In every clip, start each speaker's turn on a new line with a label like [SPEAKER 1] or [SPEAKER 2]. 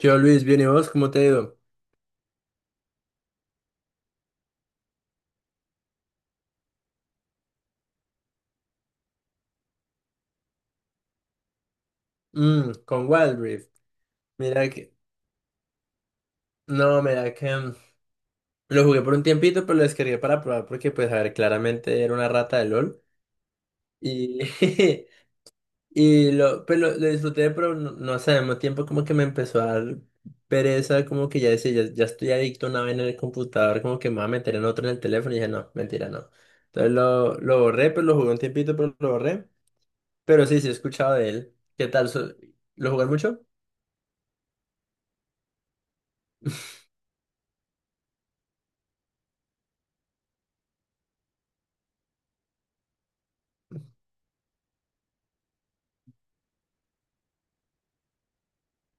[SPEAKER 1] Yo, Luis, bien, ¿y vos? ¿Cómo te ha ido? Mm, con Wild Rift. Mira que... No, mira que... lo jugué por un tiempito, pero lo descargué para probar porque, pues, a ver, claramente era una rata de LOL. Y... y lo disfruté, pero no, no sé, al mismo tiempo como que me empezó a dar pereza, como que ya decía, ya estoy adicto a una vaina en el computador, como que me voy a meter en otro en el teléfono. Y dije, no, mentira, no. Entonces lo borré, pues lo jugué un tiempito, pero lo borré. Pero sí, sí he escuchado de él. ¿Qué tal? ¿Lo jugué mucho?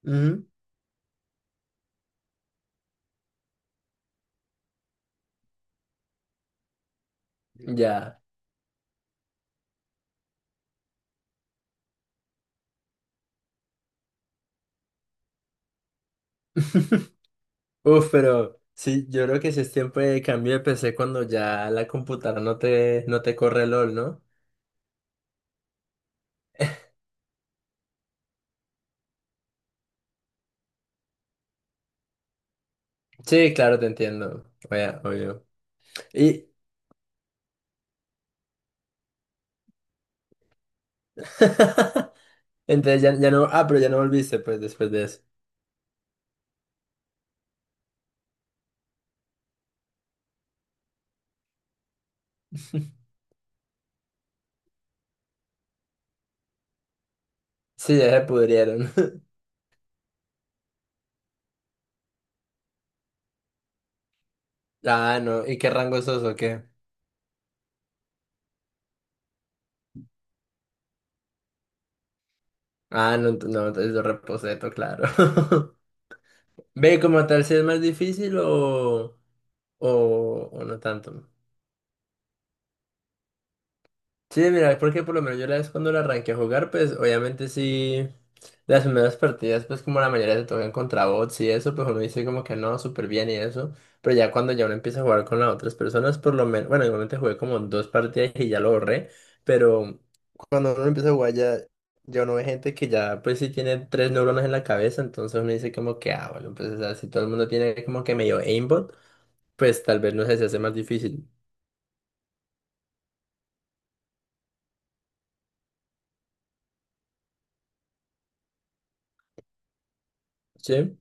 [SPEAKER 1] Ujú. Ya. Uf, pero sí, yo creo que si es tiempo de cambio de PC cuando ya la computadora no te, no te corre LOL, ¿no? Sí, claro, te entiendo. Oye, obvio. Y entonces ya no. Ah, pero ya no volviste, pues, después de eso. Sí, ya se pudrieron. Ah, no. ¿Y qué rango sos o qué? Ah, no, no, entonces yo reposeto, claro. Ve, como tal, si es más difícil o, o no tanto. Sí, mira, porque por lo menos yo la vez cuando la arranqué a jugar, pues obviamente sí, las primeras partidas, pues como la mayoría se tocan contra bots y eso, pues uno dice como que no, súper bien y eso, pero ya cuando ya uno empieza a jugar con las otras personas, por lo menos, bueno, igualmente jugué como dos partidas y ya lo borré, pero cuando uno empieza a jugar ya, ya uno ve gente que ya pues sí tiene tres neuronas en la cabeza, entonces uno dice como que, ah, bueno, pues o sea, si todo el mundo tiene como que medio aimbot, pues tal vez no sé, se hace más difícil, ¿sí?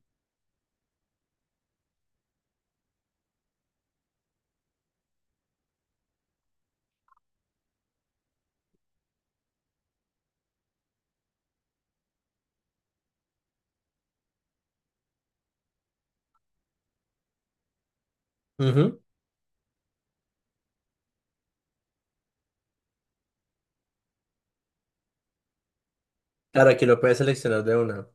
[SPEAKER 1] Ujú. Claro, aquí lo puedes seleccionar de una.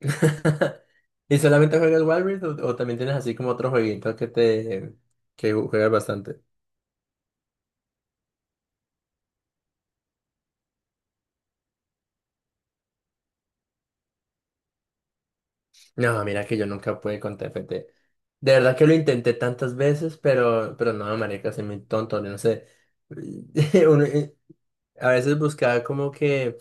[SPEAKER 1] ¿Y solamente juegas Wild Rift o también tienes así como otro jueguito que te juegas bastante? No, mira que yo nunca pude con TFT. De verdad que lo intenté tantas veces, pero no, marica, soy muy tonto, yo no sé. Uno, a veces buscaba como que,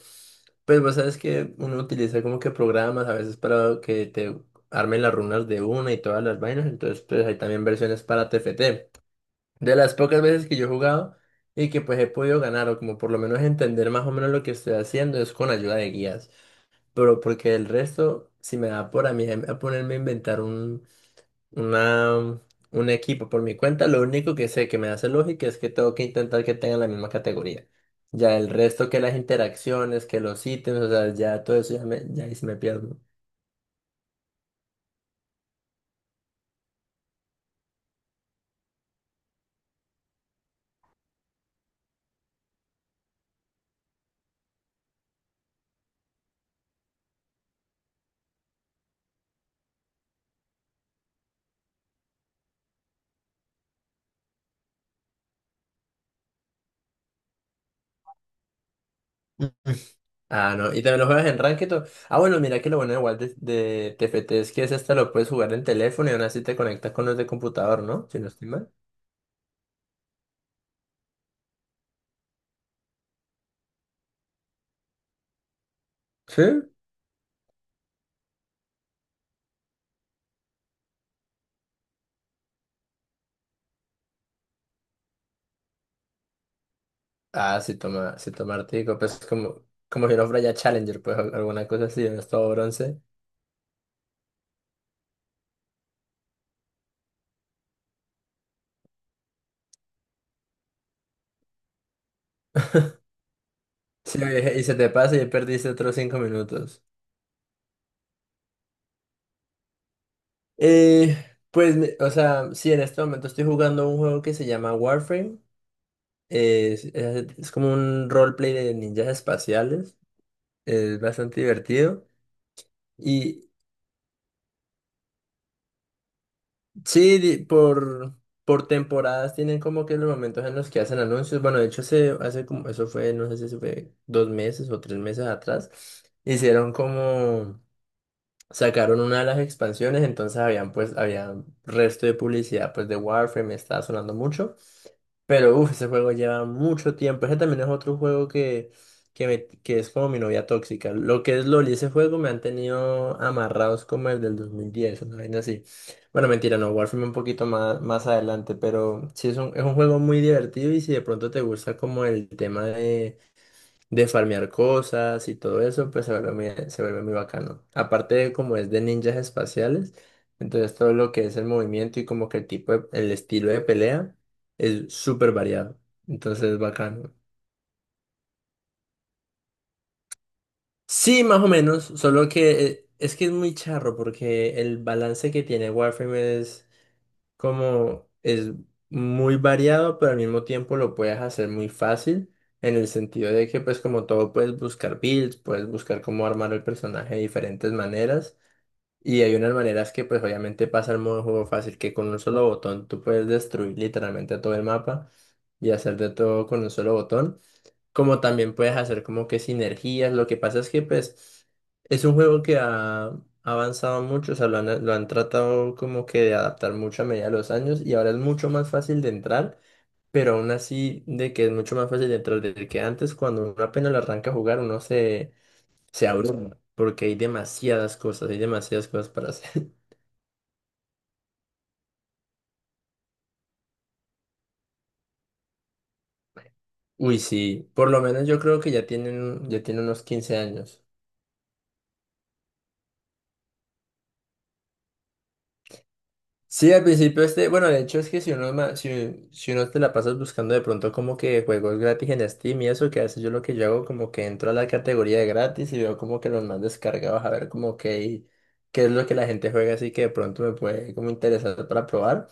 [SPEAKER 1] pues vos sabes que uno utiliza como que programas a veces para que te armen las runas de una y todas las vainas, entonces pues hay también versiones para TFT. De las pocas veces que yo he jugado y que pues he podido ganar o como por lo menos entender más o menos lo que estoy haciendo es con ayuda de guías, pero porque el resto, si me da por a mí a ponerme a inventar una, un equipo por mi cuenta, lo único que sé que me hace lógica es que tengo que intentar que tengan la misma categoría. Ya el resto que las interacciones, que los ítems, o sea, ya todo eso ya, me, ya ahí sí me pierdo. Ah, no, y también lo juegas en Ranked. Ah, bueno, mira que lo bueno igual de TFT es que es hasta lo puedes jugar en teléfono y aún así te conectas con los de computador, ¿no? Si no estoy mal. Sí, ah, sí toma Artigo, pues como, como si no fuera ya Challenger, pues alguna cosa así, no es todo bronce. Sí, oye, y se te pasa y ya perdiste otros 5 minutos. Eh, pues, o sea, sí, en este momento estoy jugando un juego que se llama Warframe. Es, es como un roleplay de ninjas espaciales. Es bastante divertido. Y sí, por temporadas tienen como que los momentos en los que hacen anuncios. Bueno, de hecho, hace, hace como, eso fue, no sé si eso fue dos meses o tres meses atrás, hicieron como, sacaron una de las expansiones, entonces habían pues, había resto de publicidad pues de Warframe, estaba sonando mucho. Pero uff, ese juego lleva mucho tiempo. Ese también es otro juego que, que es como mi novia tóxica. Lo que es LOL y ese juego me han tenido amarrados como el del 2010 una vaina así. Bueno, mentira, no, Warframe un poquito más, más adelante, pero sí es un juego muy divertido y si de pronto te gusta como el tema de farmear cosas y todo eso, pues se vuelve muy bacano. Aparte de como es de ninjas espaciales, entonces todo lo que es el movimiento y como que el estilo de pelea es súper variado. Entonces es bacano. Sí, más o menos, solo que es que es muy charro porque el balance que tiene Warframe es como es muy variado, pero al mismo tiempo lo puedes hacer muy fácil, en el sentido de que pues como todo puedes buscar builds, puedes buscar cómo armar el personaje de diferentes maneras, y hay unas maneras que pues obviamente pasa al modo juego fácil, que con un solo botón tú puedes destruir literalmente todo el mapa y hacer de todo con un solo botón como también puedes hacer como que sinergias. Lo que pasa es que pues es un juego que ha avanzado mucho, o sea, lo han tratado como que de adaptar mucho a medida de los años y ahora es mucho más fácil de entrar, pero aún así de que es mucho más fácil de entrar desde que antes cuando uno apenas lo arranca a jugar uno se, se abruma porque hay demasiadas cosas para hacer. Uy, sí, por lo menos yo creo que ya tienen, ya tiene unos 15 años. Sí, al principio este, bueno, de hecho es que si uno, si, si uno te la pasas buscando de pronto como que juegos gratis en Steam y eso, que a veces yo lo que yo hago como que entro a la categoría de gratis y veo como que los más descargados a ver como que qué es lo que la gente juega, así que de pronto me puede como interesar para probar.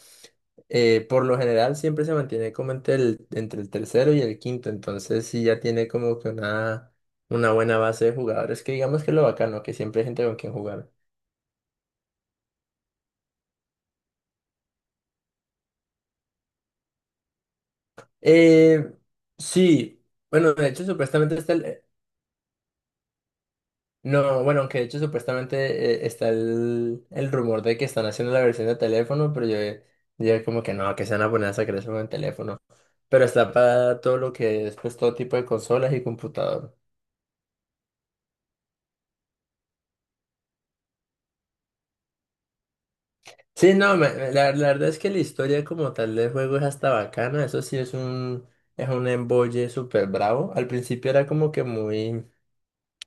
[SPEAKER 1] Por lo general siempre se mantiene como entre el tercero y el quinto, entonces sí ya tiene como que una buena base de jugadores, que digamos que es lo bacano, que siempre hay gente con quien jugar. Eh, sí, bueno, de hecho supuestamente está el... no, bueno, aunque de hecho supuestamente está el rumor de que están haciendo la versión de teléfono, pero yo como que no, que se van a poner a sacar eso en teléfono. Pero está para todo lo que es, pues todo tipo de consolas y computador. Sí, no, la, la verdad es que la historia como tal del juego es hasta bacana, eso sí es un embolle súper bravo. Al principio era como que muy...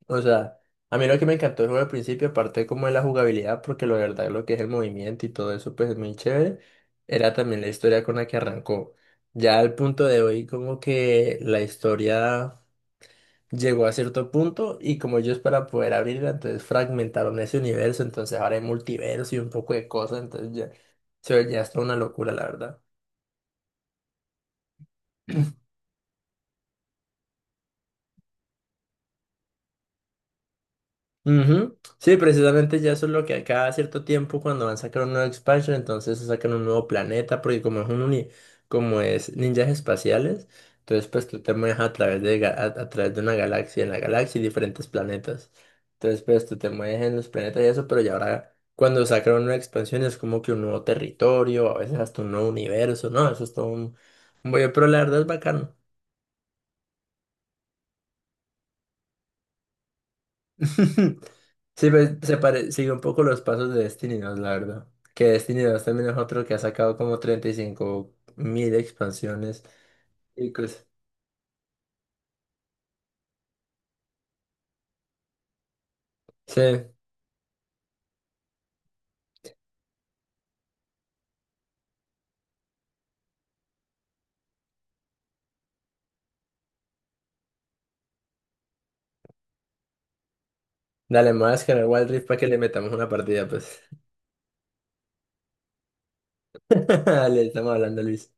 [SPEAKER 1] O sea, a mí lo que me encantó el juego al principio, aparte como de la jugabilidad, porque la verdad lo que es el movimiento y todo eso, pues es muy chévere, era también la historia con la que arrancó. Ya al punto de hoy, como que la historia llegó a cierto punto y como ellos para poder abrirla, entonces fragmentaron ese universo, entonces ahora hay multiverso y un poco de cosas, entonces ya se veía hasta una locura, la verdad. Ujú. Sí, precisamente ya eso es lo que a cada cierto tiempo cuando van a sacar una nuevo expansion, entonces sacan un nuevo planeta, porque como es un como es ninjas espaciales, entonces pues tú te mueves a través de a través de una galaxia, en la galaxia y diferentes planetas. Entonces pues tú te mueves en los planetas y eso, pero ya ahora cuando sacan una nueva expansión es como que un nuevo territorio, a veces hasta un nuevo universo, ¿no? Eso es todo un bollo, pero la verdad es bacano. Sí, pues, se pare... sigue un poco los pasos de Destiny 2 la verdad. Que Destiny dos también es otro que ha sacado como 35.000 expansiones y cosas. Sí, dale, me voy a descargar Wild Rift para que le metamos una partida, pues. Dale, estamos hablando, Luis.